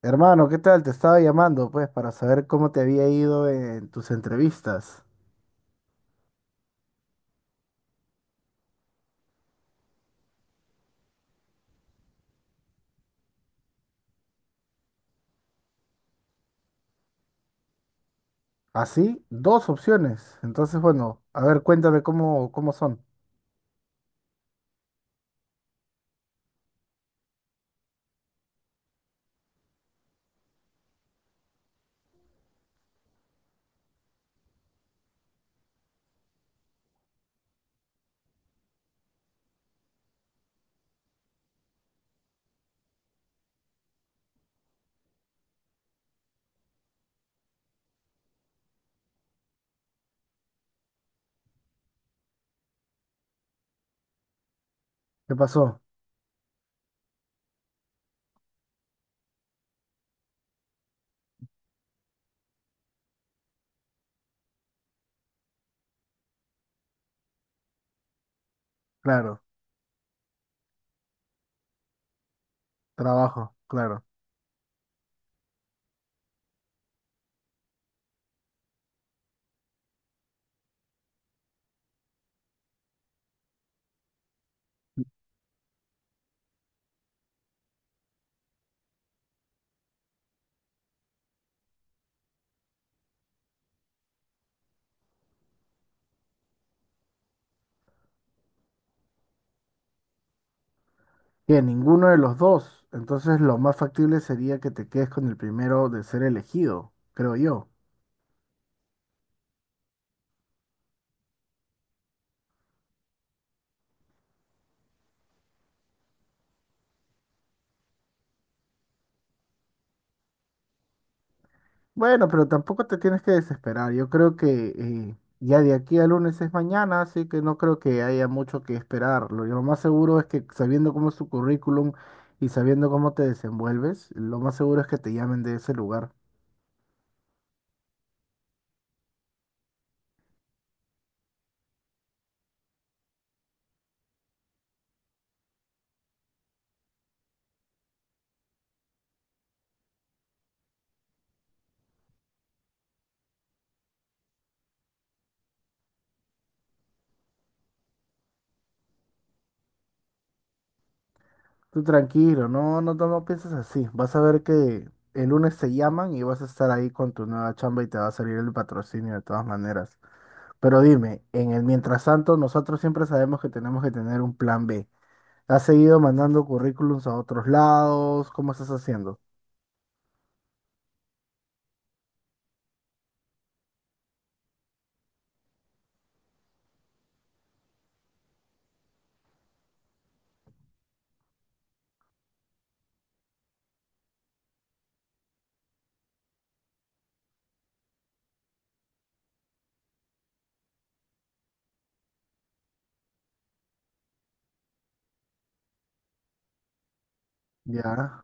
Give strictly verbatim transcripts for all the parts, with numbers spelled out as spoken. Hermano, ¿qué tal? Te estaba llamando, pues, para saber cómo te había ido en tus entrevistas. Así, dos opciones. Entonces, bueno, a ver, cuéntame cómo, cómo son. ¿Qué pasó? Claro, trabajo, claro. Que ninguno de los dos. Entonces, lo más factible sería que te quedes con el primero de ser elegido, creo yo. Bueno, pero tampoco te tienes que desesperar. Yo creo que eh, ya de aquí al lunes es mañana, así que no creo que haya mucho que esperar. Lo, lo más seguro es que sabiendo cómo es tu currículum y sabiendo cómo te desenvuelves, lo más seguro es que te llamen de ese lugar. Tú tranquilo, no, no, no, no pienses así. Vas a ver que el lunes te llaman y vas a estar ahí con tu nueva chamba y te va a salir el patrocinio de todas maneras. Pero dime, en el mientras tanto, nosotros siempre sabemos que tenemos que tener un plan B. ¿Has seguido mandando currículums a otros lados? ¿Cómo estás haciendo? Ya.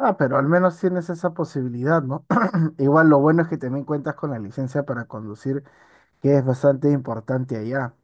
Ah, pero al menos tienes esa posibilidad, ¿no? Igual lo bueno es que también cuentas con la licencia para conducir, que es bastante importante allá.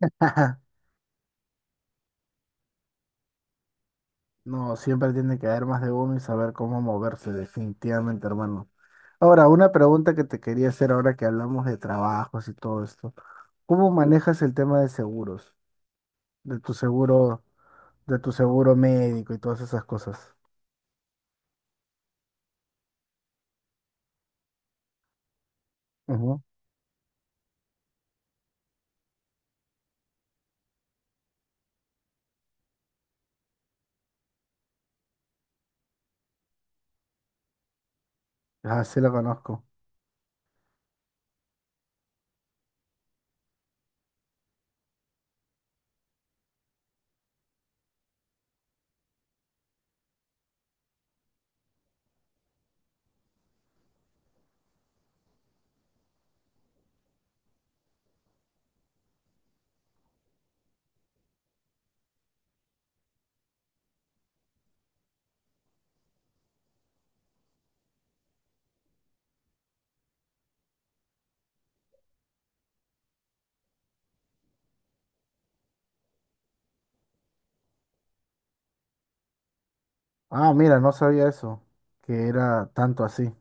No, siempre tiene que haber más de uno y saber cómo moverse, definitivamente, hermano. Ahora, una pregunta que te quería hacer ahora que hablamos de trabajos y todo esto. ¿Cómo manejas el tema de seguros? De tu seguro, de tu seguro médico y todas esas cosas. Ujú. Ah, sí la conozco. Ah, mira, no sabía eso, que era tanto así.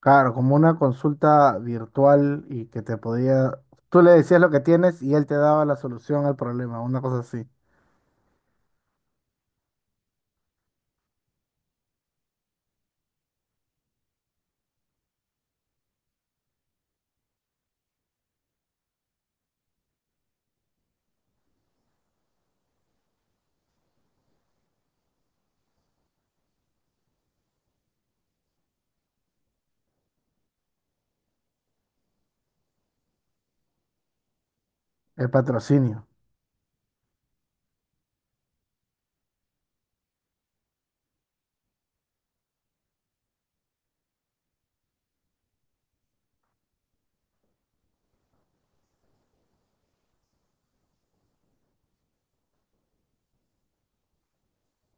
Claro, como una consulta virtual y que te podía... Tú le decías lo que tienes y él te daba la solución al problema, una cosa así. El patrocinio,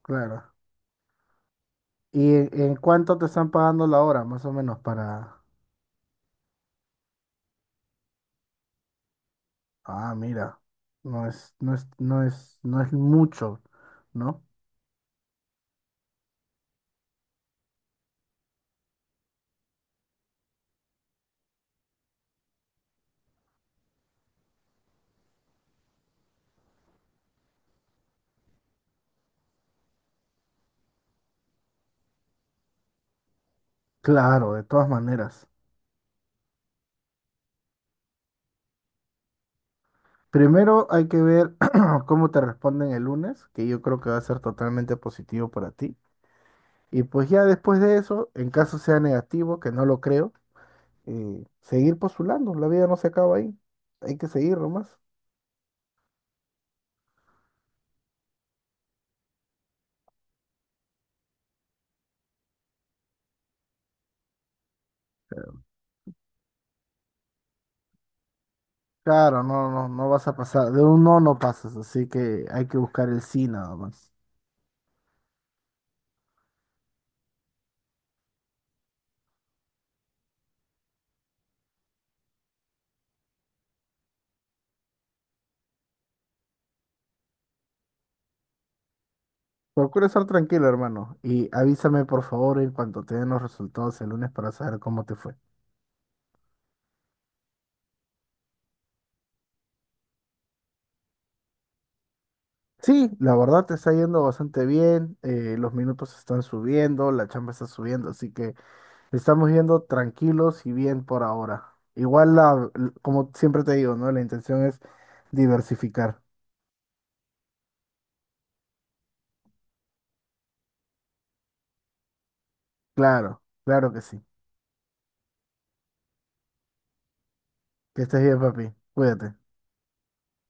claro. ¿Y en en cuánto te están pagando la hora, más o menos, para... Ah, mira, no es, no es, no es, no es mucho, ¿no? Claro, de todas maneras. Primero hay que ver cómo te responden el lunes, que yo creo que va a ser totalmente positivo para ti. Y pues ya después de eso, en caso sea negativo, que no lo creo, eh, seguir postulando. La vida no se acaba ahí. Hay que seguir nomás. Claro, no, no, no vas a pasar. De un no no pasas, así que hay que buscar el sí nada más. Procura estar tranquilo, hermano, y avísame por favor en cuanto te den los resultados el lunes para saber cómo te fue. Sí, la verdad te está yendo bastante bien, eh, los minutos están subiendo, la chamba está subiendo, así que estamos yendo tranquilos y bien por ahora. Igual, la, l- como siempre te digo, ¿no? La intención es diversificar. Claro, claro que sí. Que estés bien, papi. Cuídate.